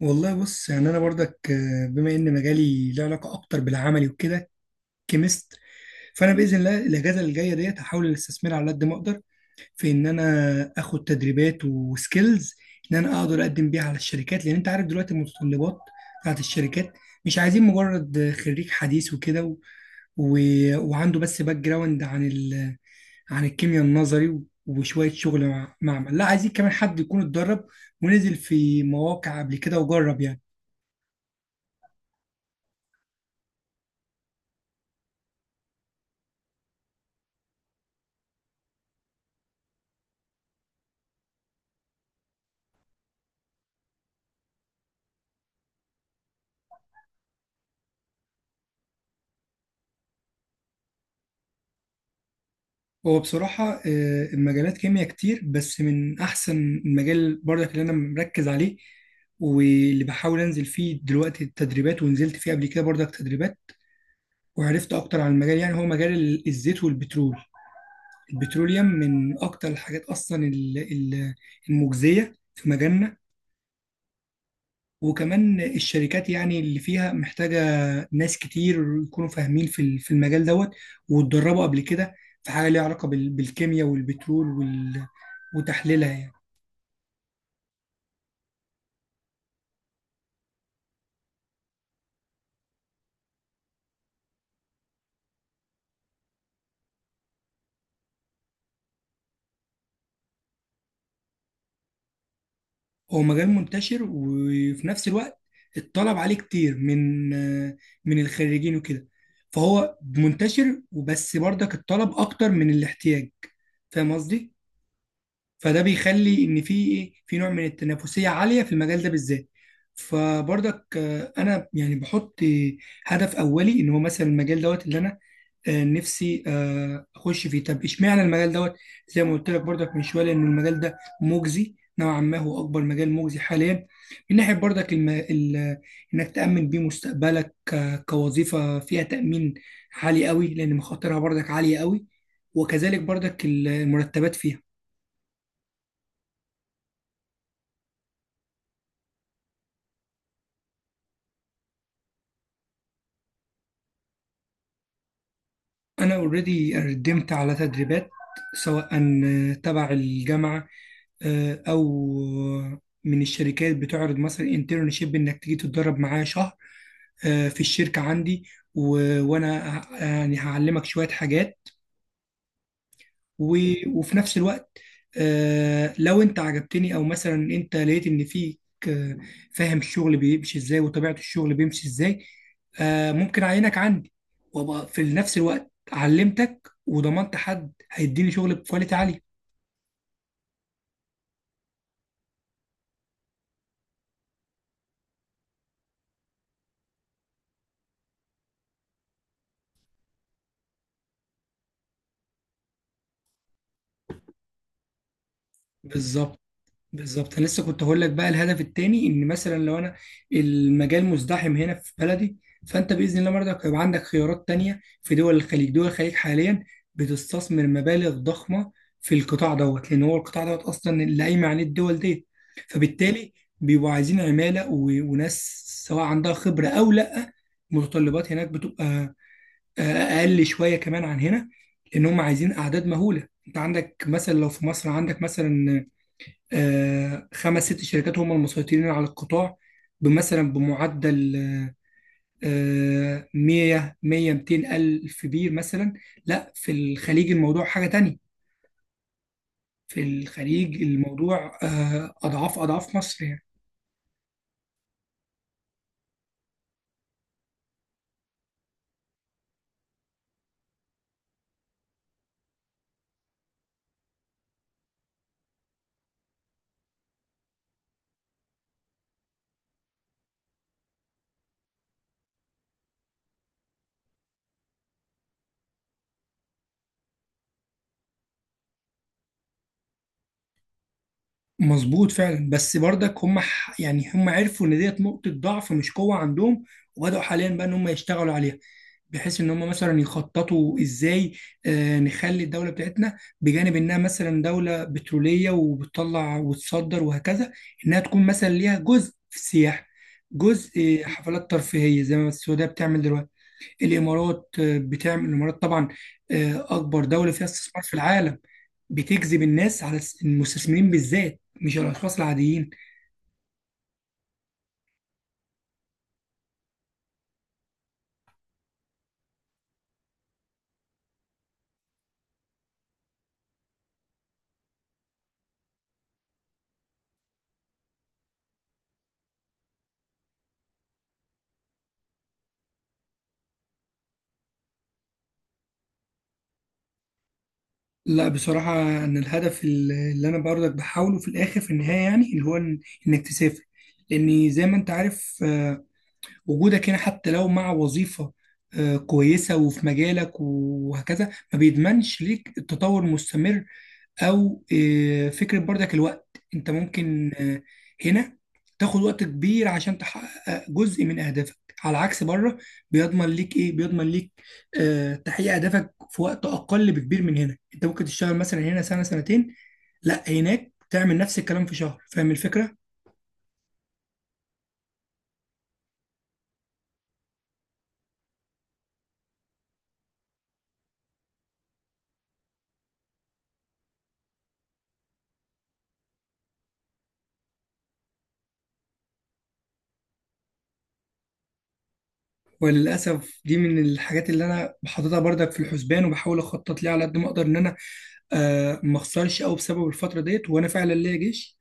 والله، بص يعني انا برضك، بما ان مجالي له علاقه اكتر بالعملي وكده، كيمست. فانا باذن الله الاجازه اللي جايه ديت هحاول ان استثمرها على قد ما اقدر، في ان انا اخد تدريبات وسكيلز ان انا اقدر اقدم بيها على الشركات، لان انت عارف دلوقتي المتطلبات بتاعت الشركات مش عايزين مجرد خريج حديث وكده، و... وعنده بس باك جراوند عن عن الكيمياء النظري، وشويه شغل معمل. لا، عايزين كمان حد يكون اتدرب ونزل في مواقع قبل كده وجرب يعني. هو بصراحة، المجالات كيمياء كتير، بس من أحسن المجال برضك اللي أنا مركز عليه واللي بحاول أنزل فيه دلوقتي التدريبات، ونزلت فيه قبل كده برضك تدريبات وعرفت أكتر عن المجال، يعني هو مجال الزيت والبترول. البتروليوم من أكتر الحاجات أصلا المجزية في مجالنا، وكمان الشركات يعني اللي فيها محتاجة ناس كتير يكونوا فاهمين في في المجال دوت، واتدربوا قبل كده في حاجه ليها علاقه بالكيمياء والبترول وتحليلها يعني. هو مجال منتشر، وفي نفس الوقت الطلب عليه كتير من من الخريجين وكده، فهو منتشر، وبس برضك الطلب اكتر من الاحتياج. فاهم قصدي؟ فده بيخلي ان في ايه، في نوع من التنافسيه عاليه في المجال ده بالذات. فبرضك، انا يعني بحط هدف اولي ان هو مثلا المجال دوت اللي انا نفسي اخش فيه. طب اشمعنى المجال دوت؟ زي ما قلت لك برضك من شويه، ان المجال ده مجزي نوعا ما، هو اكبر مجال مجزي حاليا من ناحيه برضك انك تامن بيه مستقبلك كوظيفه فيها تامين عالي قوي، لان مخاطرها برضك عاليه قوي، وكذلك برضك المرتبات فيها. انا اوريدي قدمت على تدريبات، سواء تبع الجامعه او من الشركات بتعرض مثلا انترنشيب، انك تيجي تتدرب معايا شهر في الشركه عندي، وانا يعني هعلمك شويه حاجات و... وفي نفس الوقت، لو انت عجبتني او مثلا انت لقيت ان فيك، آه، فاهم الشغل بيمشي ازاي وطبيعة الشغل بيمشي ازاي، ممكن اعينك عندي، وابقى في نفس الوقت علمتك وضمنت حد هيديني شغل بكواليتي عالية. بالظبط، بالظبط. انا لسه كنت هقول لك بقى، الهدف التاني ان مثلا لو انا المجال مزدحم هنا في بلدي، فانت باذن الله برضك هيبقى عندك خيارات تانية في دول الخليج. دول الخليج حاليا بتستثمر مبالغ ضخمه في القطاع دوت، لان هو القطاع دوت اصلا اللي قايمه عليه الدول ديت، فبالتالي بيبقوا عايزين عماله وناس، سواء عندها خبره او لا. متطلبات هناك بتبقى اقل شويه كمان عن هنا، لان هم عايزين اعداد مهوله. انت عندك مثلا لو في مصر، عندك مثلا خمس ست شركات هم المسيطرين على القطاع، بمعدل 100 100 200 ألف بير مثلا. لا، في الخليج الموضوع حاجة تانية، في الخليج الموضوع أضعاف أضعاف مصر يعني. مظبوط فعلا، بس برضك هم يعني هم عرفوا ان ديت نقطة ضعف مش قوة عندهم، وبدأوا حاليا بقى ان هم يشتغلوا عليها، بحيث ان هم مثلا يخططوا ازاي نخلي الدولة بتاعتنا، بجانب انها مثلا دولة بترولية وبتطلع وتصدر وهكذا، انها تكون مثلا ليها جزء في السياحة، جزء حفلات ترفيهية زي ما السعودية بتعمل دلوقتي. الامارات بتعمل، الامارات طبعا اكبر دوله فيها استثمار في العالم، بتجذب الناس على المستثمرين بالذات، مش الاشخاص العاديين. لا، بصراحه انا الهدف اللي انا برضك بحاوله في الاخر في النهايه، يعني اللي هو انك تسافر، لان زي ما انت عارف وجودك هنا حتى لو مع وظيفه كويسه وفي مجالك وهكذا، ما بيضمنش ليك التطور المستمر، او فكره برضك الوقت. انت ممكن هنا تاخد وقت كبير عشان تحقق جزء من اهدافك، على عكس بره بيضمن ليك ايه، بيضمن ليك تحقيق اهدافك في وقت اقل بكبير من هنا. انت ممكن تشتغل مثلا هنا سنه سنتين، لا، هناك تعمل نفس الكلام في شهر. فاهم الفكره؟ وللاسف دي من الحاجات اللي انا بحطها برضك في الحسبان، وبحاول اخطط ليها على قد ما اقدر ان انا ما اخسرش قوي بسبب الفتره ديت، وانا فعلا ليا جيش.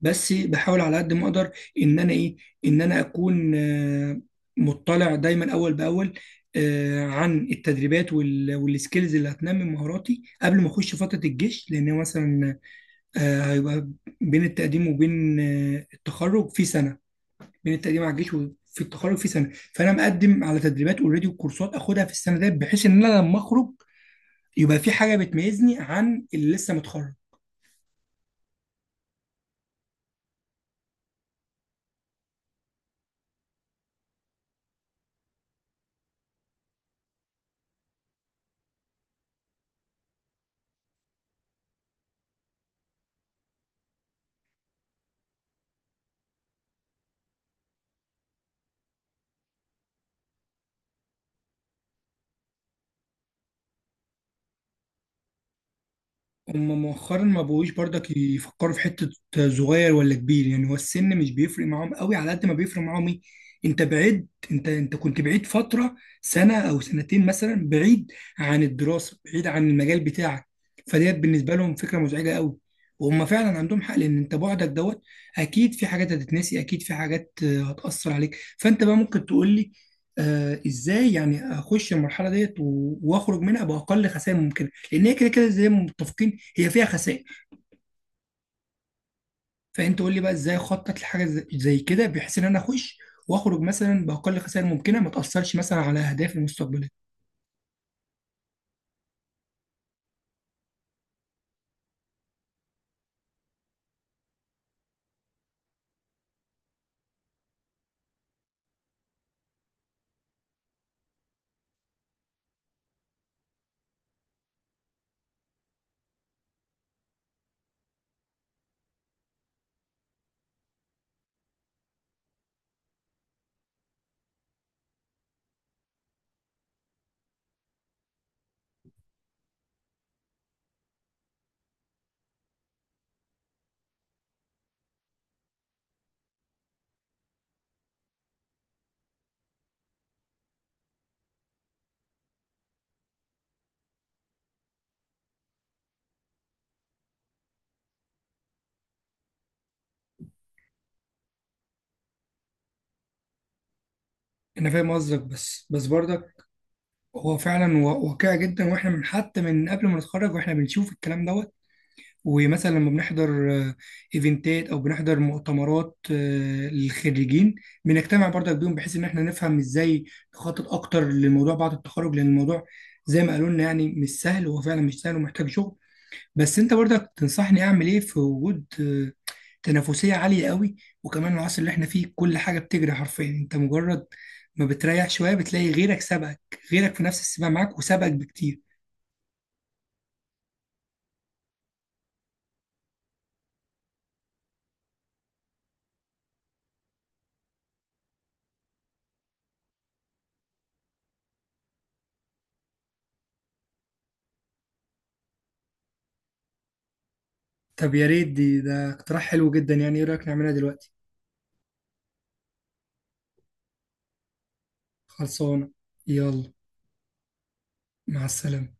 بس بحاول على قد ما اقدر ان انا ايه، ان انا اكون مطلع دايما اول باول عن التدريبات والسكيلز اللي هتنمي مهاراتي قبل ما اخش فتره الجيش. لان هو مثلا هيبقى بين التقديم وبين التخرج في سنه، بين التقديم على الجيش وفي التخرج في سنه، فانا مقدم على تدريبات اوريدي وكورسات اخدها في السنه ديت، بحيث ان انا لما اخرج يبقى في حاجه بتميزني عن اللي لسه متخرج. هم مؤخرا ما بقوش برضك يفكروا في حتة صغير ولا كبير، يعني هو السن مش بيفرق معاهم قوي على قد ما بيفرق معاهم ايه، انت بعيد، انت كنت بعيد فترة سنة او سنتين مثلا، بعيد عن الدراسة، بعيد عن المجال بتاعك، فديت بالنسبة لهم فكرة مزعجة قوي. وهم فعلا عندهم حق، لان انت بعدك دوت اكيد في حاجات هتتنسي، اكيد في حاجات هتأثر عليك. فانت بقى ممكن تقول لي ازاي يعني اخش المرحلة ديت واخرج منها باقل خسائر ممكنة، لان هي كده كده زي ما متفقين، هي فيها خسائر. فانت قول لي بقى ازاي اخطط لحاجه زي كده، بحيث ان انا اخش واخرج مثلا باقل خسائر ممكنه، ما تاثرش مثلا على اهدافي المستقبليه. انا فاهم قصدك، بس برضك هو فعلا واقعي جدا، واحنا من حتى من قبل ما نتخرج واحنا بنشوف الكلام دوت. ومثلا لما بنحضر ايفنتات، او بنحضر مؤتمرات للخريجين، بنجتمع برضك بيهم بحيث ان احنا نفهم ازاي نخطط اكتر للموضوع بعد التخرج، لان الموضوع زي ما قالوا لنا يعني مش سهل، هو فعلا مش سهل ومحتاج شغل. بس انت برضك تنصحني اعمل ايه في وجود تنافسية عالية قوي، وكمان العصر اللي احنا فيه كل حاجة بتجري حرفيا، انت مجرد ما بتريح شوية بتلاقي غيرك سبقك، غيرك في نفس السباق معاك وسبقك بكتير. طب يا ريت، ده اقتراح حلو جدا، يعني ايه رأيك نعملها دلوقتي؟ خلصانة، يلا. مع السلامة.